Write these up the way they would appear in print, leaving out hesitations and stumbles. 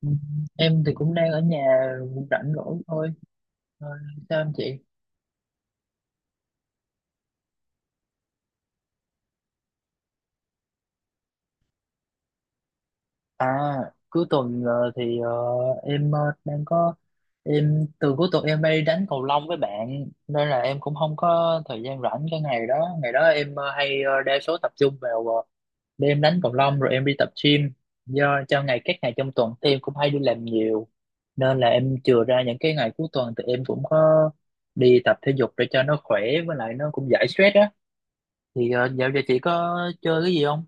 Ừ, em thì cũng đang ở nhà rảnh rỗi thôi. Ờ, Sao em chị? À, cuối tuần thì em đang có em từ cuối tuần em đi đánh cầu lông với bạn nên là em cũng không có thời gian rảnh cái ngày đó. Ngày đó em hay đa số tập trung vào đêm đánh cầu lông rồi em đi tập gym. Do cho các ngày trong tuần thì em cũng hay đi làm nhiều nên là em chừa ra những cái ngày cuối tuần thì em cũng có đi tập thể dục để cho nó khỏe, với lại nó cũng giải stress á. Thì dạo giờ chị có chơi cái gì không?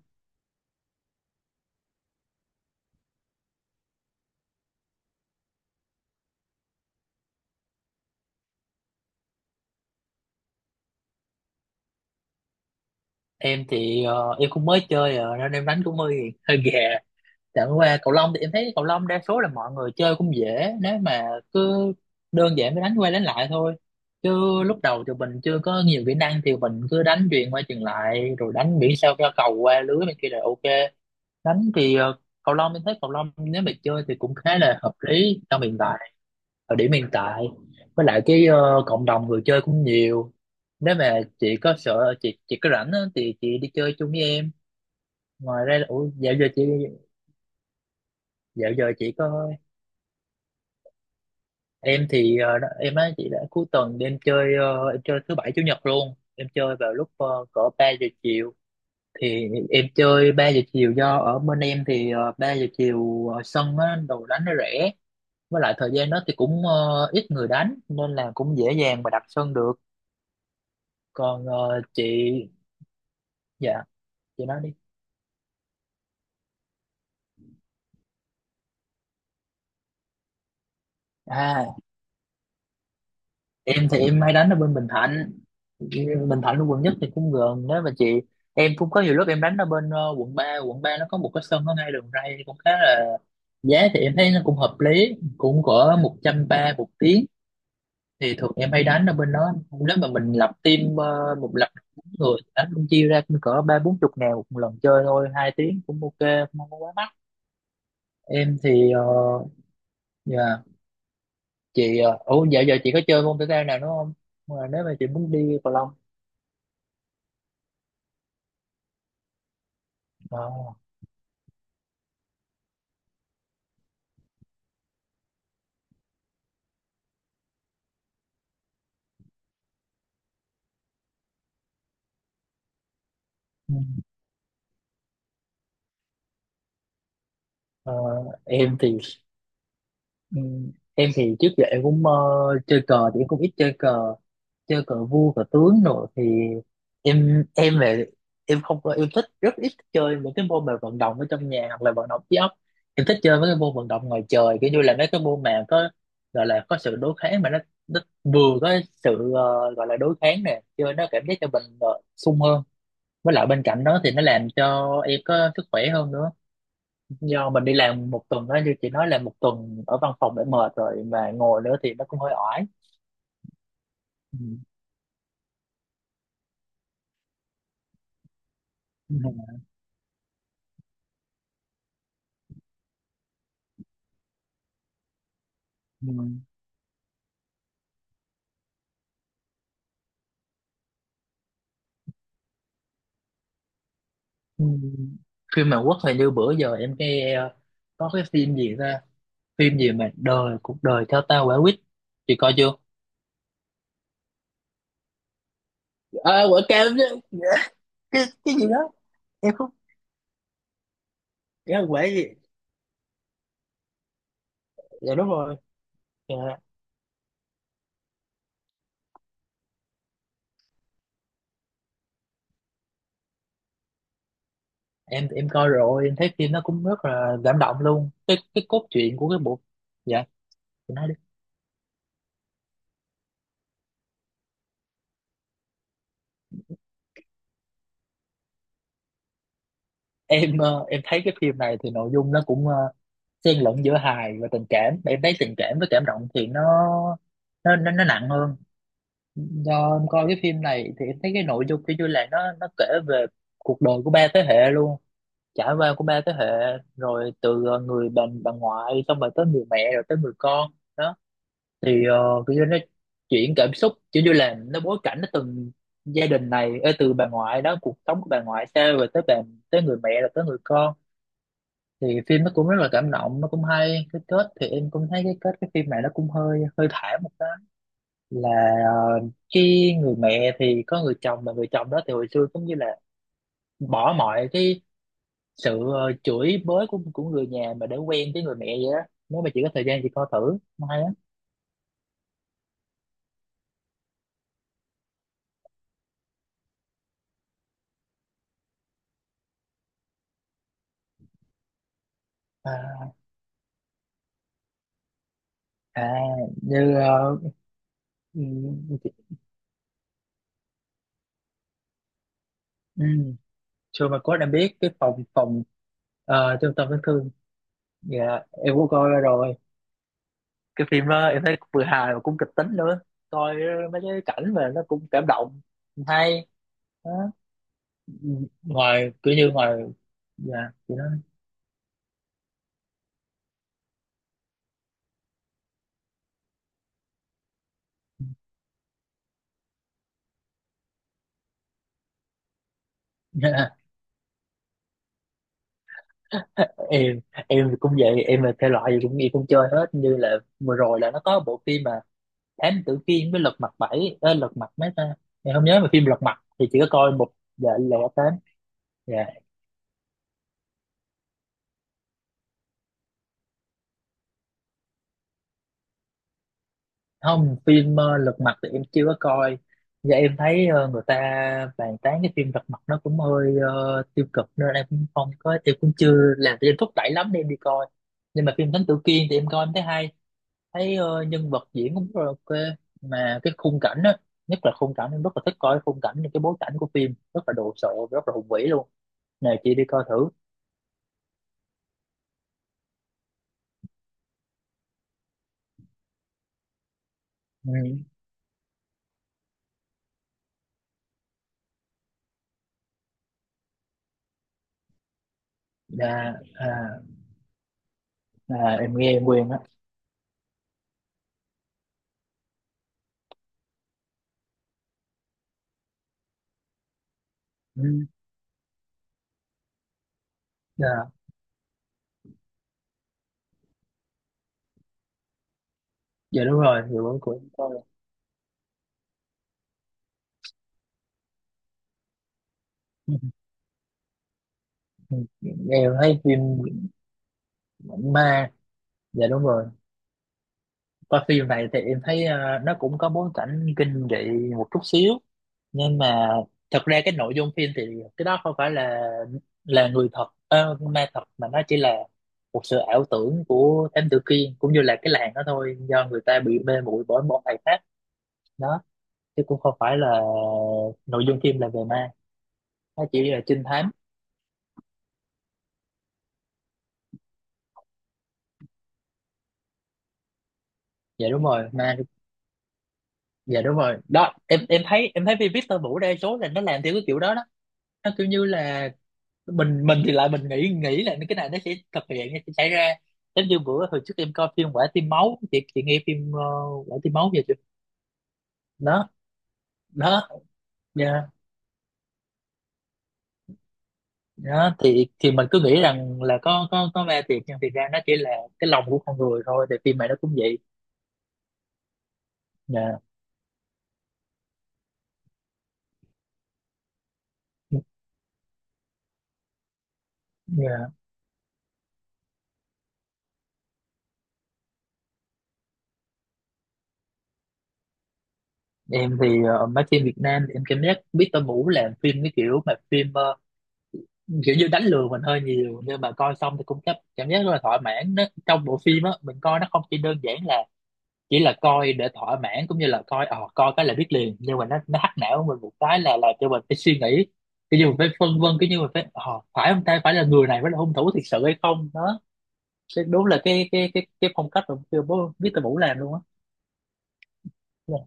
Em thì em cũng mới chơi nên em đánh cũng hơi hơi gà, chẳng qua cầu lông thì em thấy cầu lông đa số là mọi người chơi cũng dễ. Nếu mà cứ đơn giản mới đánh qua đánh lại thôi, chứ lúc đầu thì mình chưa có nhiều kỹ năng thì mình cứ đánh chuyền qua chuyền lại rồi đánh miễn sao cho cầu qua lưới bên kia là ok. Đánh thì cầu lông em thấy cầu lông nếu mà chơi thì cũng khá là hợp lý trong hiện tại, ở điểm hiện tại, với lại cái cộng đồng người chơi cũng nhiều. Nếu mà chị có sợ chị có rảnh á, thì chị đi chơi chung với em. Ủa, dạo giờ chị có em thì em á chị đã cuối tuần đi em chơi em chơi thứ bảy chủ nhật luôn, em chơi vào lúc cỡ 3 giờ chiều, thì em chơi 3 giờ chiều, do ở bên em thì 3 giờ chiều sân á, đồ đánh nó rẻ, với lại thời gian đó thì cũng ít người đánh nên là cũng dễ dàng mà đặt sân được. Còn chị, dạ chị nói đi. À, em thì em hay đánh ở bên Bình Thạnh. Bình Thạnh ở quận nhất thì cũng gần đó mà chị. Em cũng có nhiều lúc em đánh ở bên quận ba. Quận 3 nó có một cái sân ở ngay đường ray cũng khá là, giá thì em thấy nó cũng hợp lý, cũng cỡ 130 một tiếng, thì thường em hay đánh ở bên đó. Nếu mà mình lập team, một lập bốn người đánh cũng chia ra cũng cỡ ba bốn chục ngàn một lần chơi thôi, 2 tiếng cũng ok, không có quá mắc. Em thì dạ chị ủa, dạo giờ chị có chơi môn thể thao nào nữa không mà nếu mà chị muốn đi cầu lông? ờ, ừ, ờ, em thì ừ, em thì trước giờ em cũng chơi cờ thì em cũng ít chơi cờ, chơi cờ vua cờ tướng rồi thì em về em không có em thích, rất ít chơi những cái môn mà vận động ở trong nhà hoặc là vận động trí óc. Em thích chơi mấy cái môn vận động ngoài trời, kiểu như là mấy cái môn mà có, gọi là có sự đối kháng mà nó vừa có sự gọi là đối kháng nè, chơi nó cảm giác cho mình sung hơn, với lại bên cạnh đó thì nó làm cho em có sức khỏe hơn nữa, do mình đi làm một tuần đó như chị nói là một tuần ở văn phòng đã mệt rồi mà ngồi nữa thì nó cũng hơi oải. Ừ. Ừ. Ừ. Ừ. Phim Hàn Quốc thì như bữa giờ em nghe có cái phim gì ra, phim gì mà cuộc đời theo ta quả quýt, chị coi chưa? À, quả cam chứ. Cái gì đó em không, em quả gì, dạ đúng rồi, dạ. Em coi rồi, em thấy phim nó cũng rất là cảm động luôn, cái cốt truyện của cái bộ. Dạ em thấy cái phim này thì nội dung nó cũng xen lẫn giữa hài và tình cảm, em thấy tình cảm với cảm động thì nó nặng hơn. Do em coi cái phim này thì em thấy cái nội dung kiểu như là nó kể về cuộc đời của ba thế hệ luôn, trải qua của ba thế hệ rồi từ người bà ngoại, xong rồi tới người mẹ rồi tới người con đó. Thì kiểu như nó chuyển cảm xúc, kiểu như là nó bối cảnh, nó từng gia đình này ê, từ bà ngoại đó cuộc sống của bà ngoại sao, rồi tới bà, tới người mẹ rồi tới người con. Thì phim nó cũng rất là cảm động, nó cũng hay. Cái kết thì em cũng thấy cái kết cái phim này nó cũng hơi hơi thảm một cái, là ờ, cái người mẹ thì có người chồng, mà người chồng đó thì hồi xưa cũng như là bỏ mọi cái sự chửi bới của người nhà mà để quen với người mẹ vậy đó. Nếu mà chị có thời gian chị coi thử, nó hay á. À, à, như ừ, ừ, Sure mà có đã biết cái phòng phòng trung tâm chấn thương. Dạ em cũng coi ra rồi, cái phim đó em thấy cũng vừa hài mà cũng kịch tính nữa, coi mấy cái cảnh mà nó cũng cảm động. Hay đó. Ngoài kiểu như ngoài, dạ chị nói. em em thì cũng vậy, em là thể loại gì cũng chơi hết, như là vừa rồi là nó có bộ phim mà Thám Tử Kiên với Lật Mặt Bảy, Lật Mặt mấy ta, em không nhớ, mà phim Lật Mặt thì chỉ có coi một. Dạ là tám. Dạ. Không, phim Lật Mặt thì em chưa có coi, và em thấy người ta bàn tán cái phim Lật Mặt nó cũng hơi tiêu cực nên em cũng không có, em cũng chưa làm cho em thúc đẩy lắm để em đi coi. Nhưng mà phim Thám Tử Kiên thì em coi em thấy hay, thấy nhân vật diễn cũng rất là ok, mà cái khung cảnh á, nhất là khung cảnh, em rất là thích coi khung cảnh, những cái bối cảnh của phim rất là đồ sộ, rất là hùng vĩ luôn, nè chị đi coi thử. Ừ. Dạ, à, à, em nghe em quen á. Ừ. Dạ, dạ đúng rồi, hiệu ứng của em coi. Ừ. Em thấy phim ma. Dạ đúng rồi, qua phim này thì em thấy nó cũng có bối cảnh kinh dị một chút xíu. Nhưng mà thật ra cái nội dung phim thì cái đó không phải là người thật, ma thật, mà nó chỉ là một sự ảo tưởng của Thám Tử Kiên cũng như là cái làng đó thôi, do người ta bị mê muội bởi một thầy pháp đó. Chứ cũng không phải là nội dung phim là về ma, nó chỉ là trinh thám. Dạ đúng rồi ma. Dạ đúng rồi đó, em thấy phim Victor Vũ đa số là nó làm theo cái kiểu đó đó. Nó kiểu như là mình thì lại mình nghĩ nghĩ là cái này nó sẽ thực hiện, nó sẽ xảy ra. Giống như bữa hồi trước em coi phim Quả Tim Máu, chị nghe phim Quả Tim Máu giờ chưa? Đó, đó, dạ đó. Thì mình cứ nghĩ rằng là có ma thiệt, nhưng thiệt ra nó chỉ là cái lòng của con người thôi, thì phim này nó cũng vậy. Dạ, dạ. Em thì mấy phim Việt Nam thì em cảm giác Victor Vũ làm phim cái kiểu mà phim kiểu như đánh lừa mình hơi nhiều, nhưng mà coi xong thì cũng cảm cảm giác rất là thỏa mãn nó trong bộ phim á. Mình coi nó không chỉ đơn giản là chỉ là coi để thỏa mãn, cũng như là coi cái là biết liền, nhưng mà nó hack não mình một cái là làm cho mình phải suy nghĩ, cái như mình phải phân vân, cái như mình phải không ta, phải là người này mới là hung thủ thiệt sự hay không đó. Thế đúng là cái phong cách mà chưa bố biết từ Vũ làm luôn á. Dạ,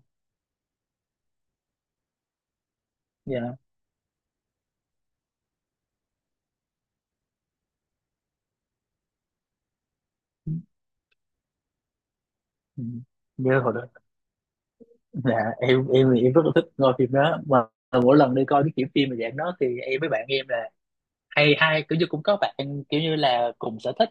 dạ. Ừ. Như hồi đó, dạ em rất là thích coi phim đó mà, mỗi lần đi coi cái kiểu phim mà dạng đó thì em với bạn em là hay hay kiểu như cũng có bạn kiểu như là cùng sở thích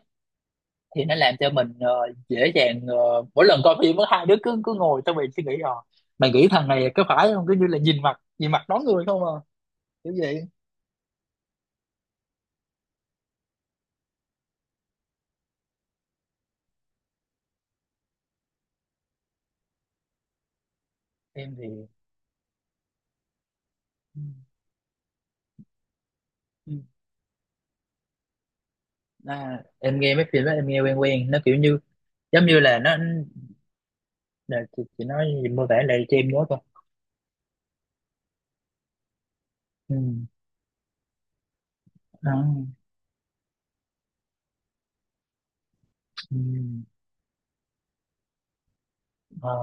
thì nó làm cho mình dễ dàng mỗi lần coi phim có hai đứa cứ cứ ngồi xong mình suy nghĩ, mày nghĩ thằng này có phải không, cứ như là nhìn mặt đón người không à, kiểu vậy. Em thì. Ừ. À, em nghe mấy phim đó em nghe quen quen, nó kiểu như giống như là nó là chị nói gì mô tả lại cho em nhớ coi. Ừ. À, ừ. Ờ,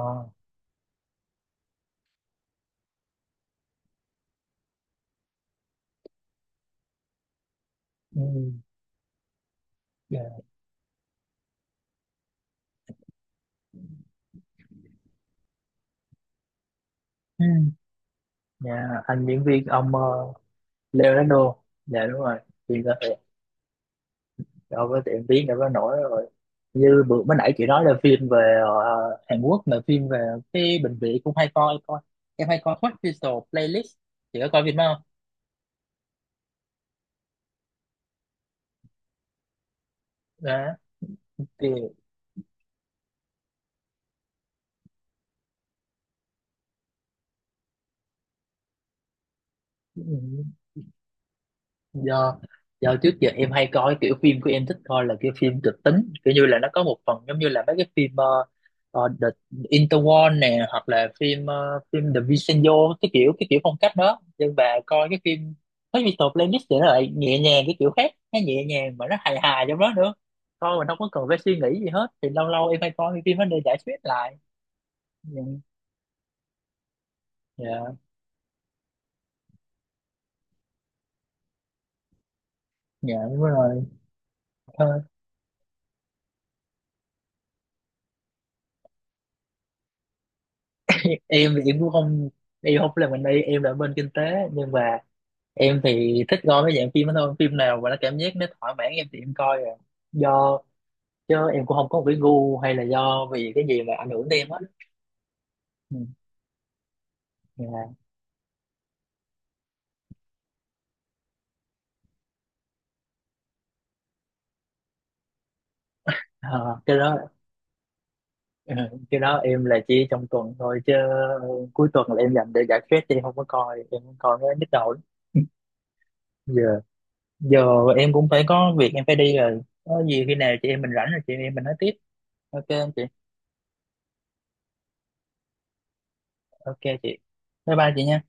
ừ. Dạ. Ừ. Dạ, anh diễn viên ông Leonardo, dạ đúng rồi. Thì có đâu có tiệm biết đâu có nổi rồi, như bữa mới nãy chị nói là phim về Hàn Quốc là phim về cái bệnh viện cũng hay, coi coi em hay coi Hospital Playlist, chị có coi phim đó không? Đó thì ừ, do do trước giờ em hay coi kiểu phim của em thích coi là kiểu phim kịch tính, kiểu như là nó có một phần giống như là mấy cái phim The Interwar nè, hoặc là phim The Vincenzo, cái kiểu phong cách đó, nhưng mà coi cái phim mấy Mr. Playlist thì nó lại nhẹ nhàng cái kiểu khác, nó nhẹ nhàng mà nó hài hài trong đó nữa, coi mình không có cần phải suy nghĩ gì hết, thì lâu lâu em hay coi cái phim đó để giải stress lại. Nhưng- dạ, dạ đúng rồi. Thôi, em thì em cũng không, em không làm ngành y, em là bên kinh tế, nhưng mà em thì thích coi mấy dạng phim đó thôi, phim nào mà nó cảm giác nó thỏa mãn em thì em coi rồi, do chứ em cũng không có một cái gu hay là do vì cái gì mà ảnh hưởng tới em hết. Ừ. Dạ. Ờ, cái đó ừ, cái đó em là chỉ trong tuần thôi, chứ ừ, cuối tuần là em dành để giải stress thì em không có coi, em không coi mới nhức đầu lắm. Giờ giờ em cũng phải có việc em phải đi rồi, có gì khi nào chị em mình rảnh rồi chị em mình nói tiếp. Ok anh chị, ok chị, bye bye chị nha.